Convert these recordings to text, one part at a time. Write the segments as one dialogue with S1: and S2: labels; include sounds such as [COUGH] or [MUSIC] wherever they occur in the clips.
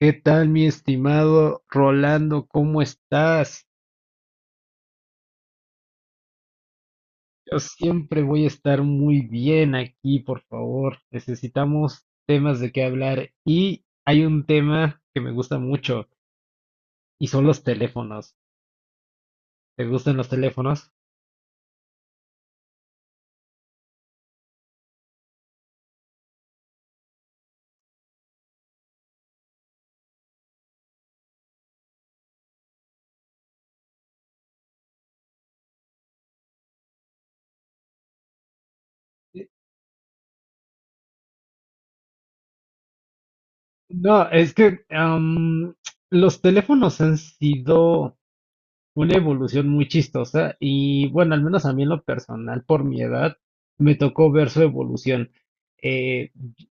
S1: ¿Qué tal, mi estimado Rolando? ¿Cómo estás? Yo siempre voy a estar muy bien aquí, por favor. Necesitamos temas de qué hablar. Y hay un tema que me gusta mucho y son los teléfonos. ¿Te gustan los teléfonos? No, es que los teléfonos han sido una evolución muy chistosa y bueno, al menos a mí en lo personal, por mi edad, me tocó ver su evolución. Eh,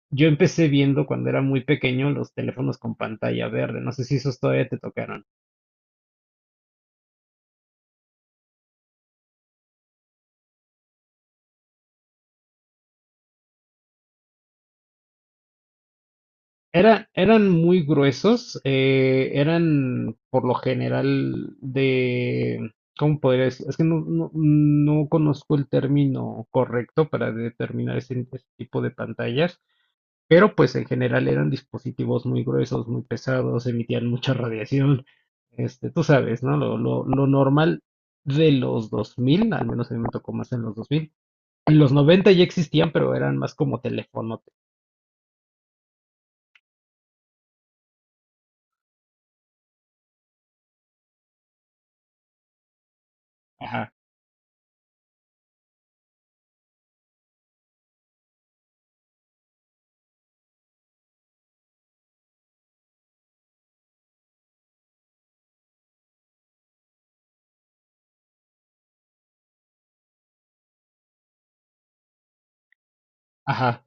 S1: yo empecé viendo cuando era muy pequeño los teléfonos con pantalla verde, no sé si esos todavía te tocaron. Eran muy gruesos, eran por lo general de, ¿cómo podría decir? Es que no conozco el término correcto para determinar ese tipo de pantallas. Pero pues en general eran dispositivos muy gruesos, muy pesados, emitían mucha radiación. Este, tú sabes, ¿no? Lo normal de los 2000, al menos a mí me tocó más en los 2000. En los 90 ya existían, pero eran más como teléfonos. Ajá, ajá.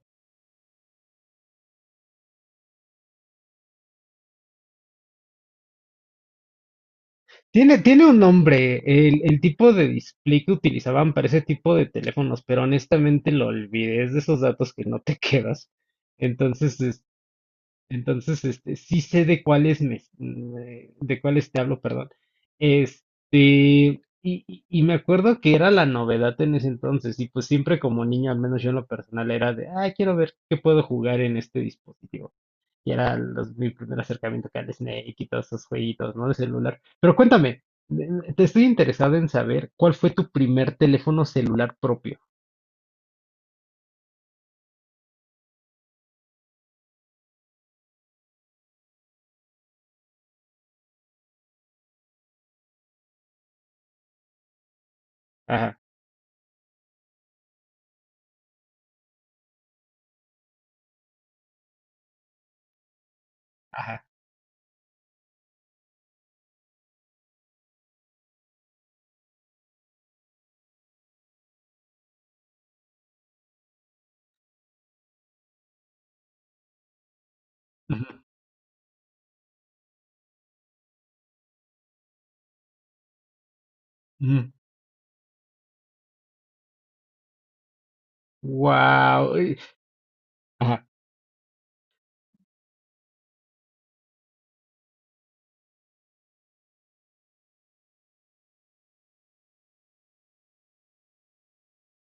S1: Tiene, tiene un nombre, el tipo de display que utilizaban para ese tipo de teléfonos, pero honestamente lo olvidé, es de esos datos que no te [LAUGHS] quedas. Entonces, este, entonces, este, sí sé de cuáles de cuáles te hablo, perdón. Este, y me acuerdo que era la novedad en ese entonces, y pues siempre como niño, al menos yo en lo personal, era de, ah, quiero ver qué puedo jugar en este dispositivo. Y era mi primer acercamiento acá al Snake y todos esos jueguitos, ¿no? De celular. Pero cuéntame, te estoy interesado en saber cuál fue tu primer teléfono celular propio. Ajá, ajá. Wow.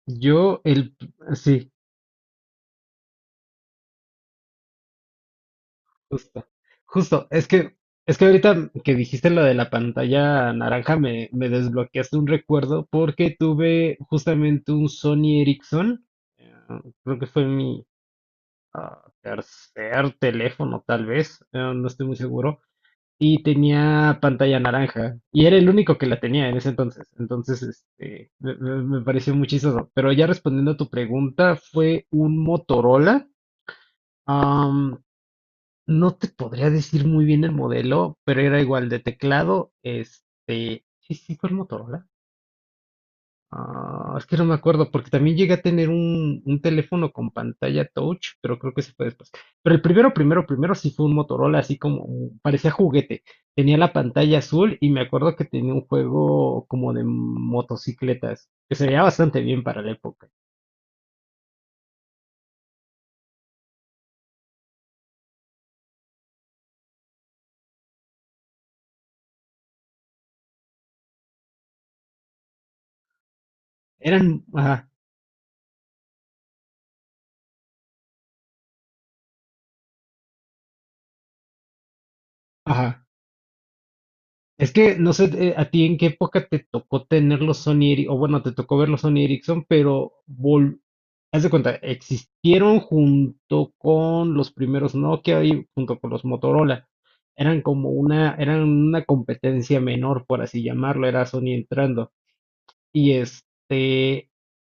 S1: Yo, el, sí, justo, justo, es que ahorita que dijiste lo de la pantalla naranja me desbloqueaste un recuerdo porque tuve justamente un Sony Ericsson, eh, creo que fue mi ah, tercer teléfono tal vez, no estoy muy seguro, y tenía pantalla naranja y era el único que la tenía en ese entonces, entonces este, me pareció muy chistoso, pero ya respondiendo a tu pregunta, fue un Motorola. No te podría decir muy bien el modelo, pero era igual de teclado. Este, sí, sí, fue el Motorola. Ah, es que no me acuerdo, porque también llegué a tener un teléfono con pantalla touch, pero creo que se fue después. Pero el primero, primero, primero sí fue un Motorola, así como parecía juguete. Tenía la pantalla azul y me acuerdo que tenía un juego como de motocicletas, que se veía bastante bien para la época. Eran, ajá, ajá. Es que no sé a ti en qué época te tocó tener los Sony Ericsson, o bueno, te tocó ver los Sony Ericsson, pero haz de cuenta, existieron junto con los primeros Nokia y junto con los Motorola. Eran como una, eran una competencia menor, por así llamarlo, era Sony entrando. Y este,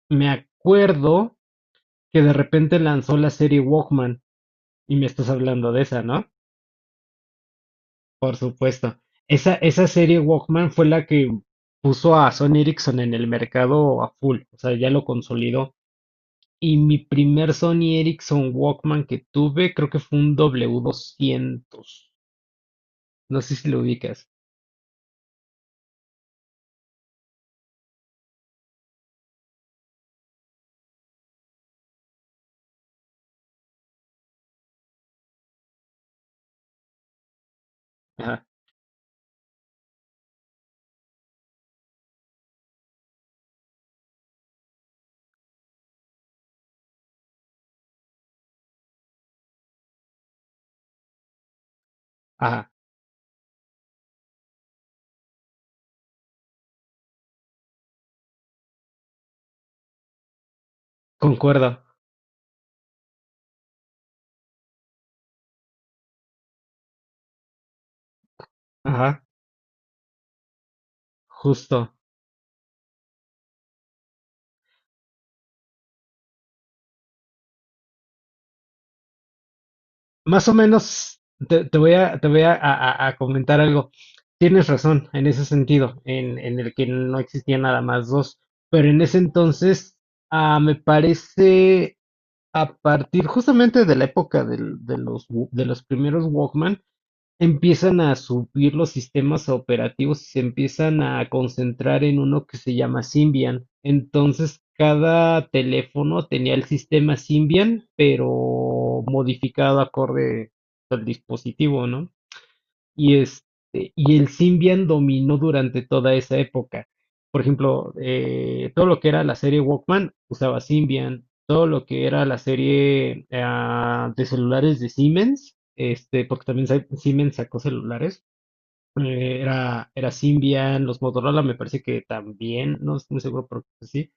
S1: me acuerdo que de repente lanzó la serie Walkman, y me estás hablando de esa, ¿no? Supuesto. Esa serie Walkman fue la que puso a Sony Ericsson en el mercado a full, o sea, ya lo consolidó. Y mi primer Sony Ericsson Walkman que tuve, creo que fue un W200. No sé si lo ubicas. Ajá, ajá, concuerdo. Ajá, justo. Más o menos te, a comentar algo. Tienes razón en ese sentido, en el que no existía nada más dos. Pero en ese entonces, ah, me parece a partir justamente de la época de los, de los primeros Walkman, empiezan a subir los sistemas operativos y se empiezan a concentrar en uno que se llama Symbian. Entonces, cada teléfono tenía el sistema Symbian, pero modificado acorde al dispositivo, ¿no? Y este, y el Symbian dominó durante toda esa época. Por ejemplo, todo lo que era la serie Walkman usaba Symbian, todo lo que era la serie ah, de celulares de Siemens, este, porque también Siemens sacó celulares, era, era Symbian, los Motorola me parece que también, no estoy muy seguro, pero creo que sí.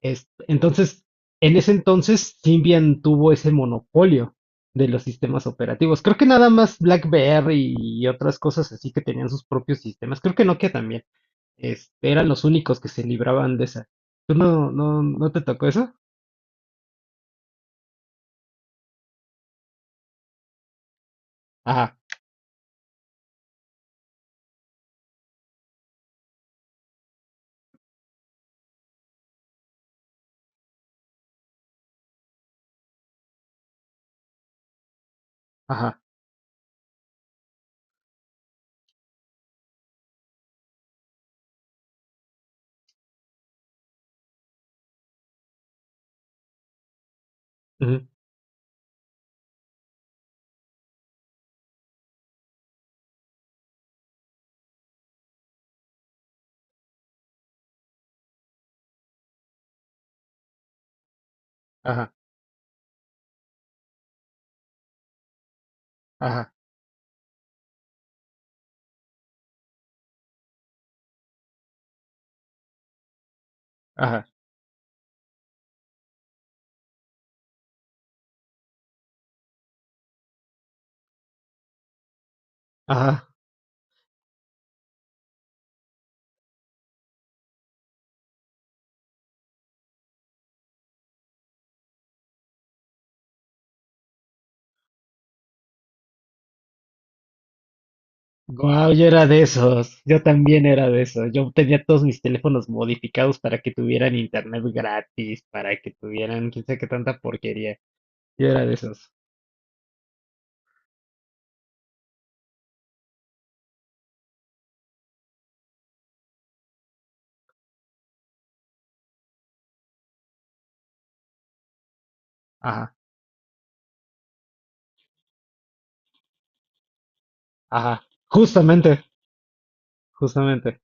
S1: Entonces, en ese entonces, Symbian tuvo ese monopolio de los sistemas operativos. Creo que nada más BlackBerry y otras cosas así que tenían sus propios sistemas. Creo que Nokia también. Este, eran los únicos que se libraban de esa. ¿Tú no te tocó eso? Ajá, ajá, ujú, ajá, ajá, ajá, ajá. Guau, yo era de esos. Yo también era de esos. Yo tenía todos mis teléfonos modificados para que tuvieran internet gratis, para que tuvieran quién sabe qué tanta porquería. Yo era de esos. Ajá, ajá. Justamente, justamente.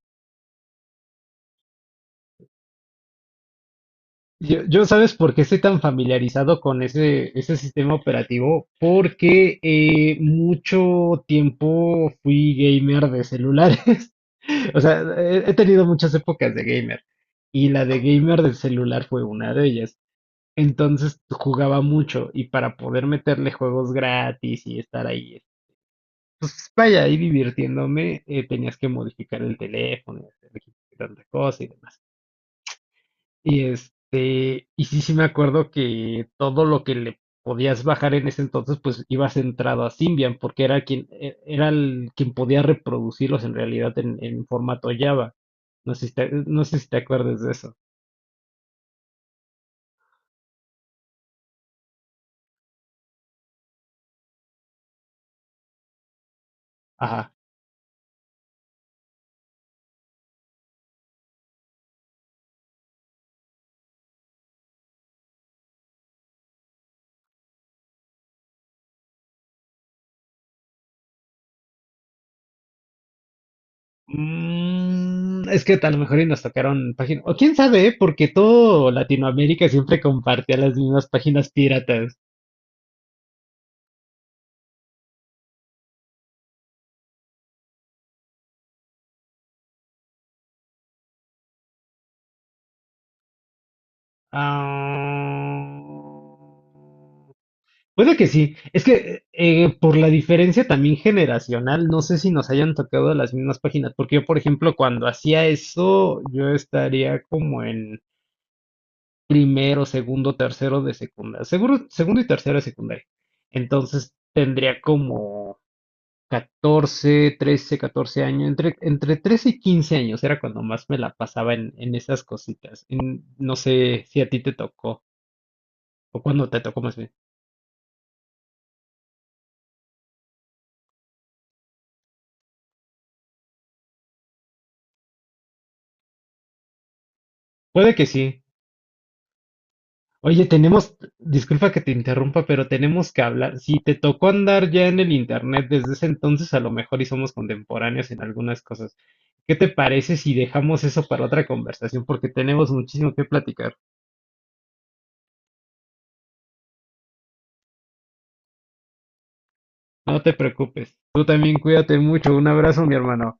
S1: Yo, ¿sabes por qué estoy tan familiarizado con ese sistema operativo? Porque mucho tiempo fui gamer de celulares. [LAUGHS] O sea, he tenido muchas épocas de gamer. Y la de gamer del celular fue una de ellas. Entonces jugaba mucho y para poder meterle juegos gratis y estar ahí pues vaya, ahí divirtiéndome, tenías que modificar el teléfono, hacer tanta cosa y demás. Y este, y sí, sí me acuerdo que todo lo que le podías bajar en ese entonces, pues ibas centrado a Symbian, porque era quien, era el, quien podía reproducirlos en realidad en formato Java. No sé si te, no sé si te acuerdas de eso. Ajá. Mm, es que a lo mejor y nos tocaron páginas. O quién sabe, ¿eh? Porque todo Latinoamérica siempre compartía las mismas páginas piratas. Ah, puede que sí. Es que por la diferencia también generacional, no sé si nos hayan tocado las mismas páginas, porque yo, por ejemplo, cuando hacía eso, yo estaría como en primero, segundo, tercero de secundaria. Seguro, segundo y tercero de secundaria. Entonces tendría como 14, 13, 14 años, entre, entre 13 y 15 años era cuando más me la pasaba en esas cositas. En- no sé si a ti te tocó o cuando te tocó más bien. Puede que sí. Oye, tenemos, disculpa que te interrumpa, pero tenemos que hablar. Si te tocó andar ya en el internet desde ese entonces, a lo mejor y somos contemporáneos en algunas cosas. ¿Qué te parece si dejamos eso para otra conversación? Porque tenemos muchísimo que platicar. No te preocupes. Tú también cuídate mucho. Un abrazo, mi hermano.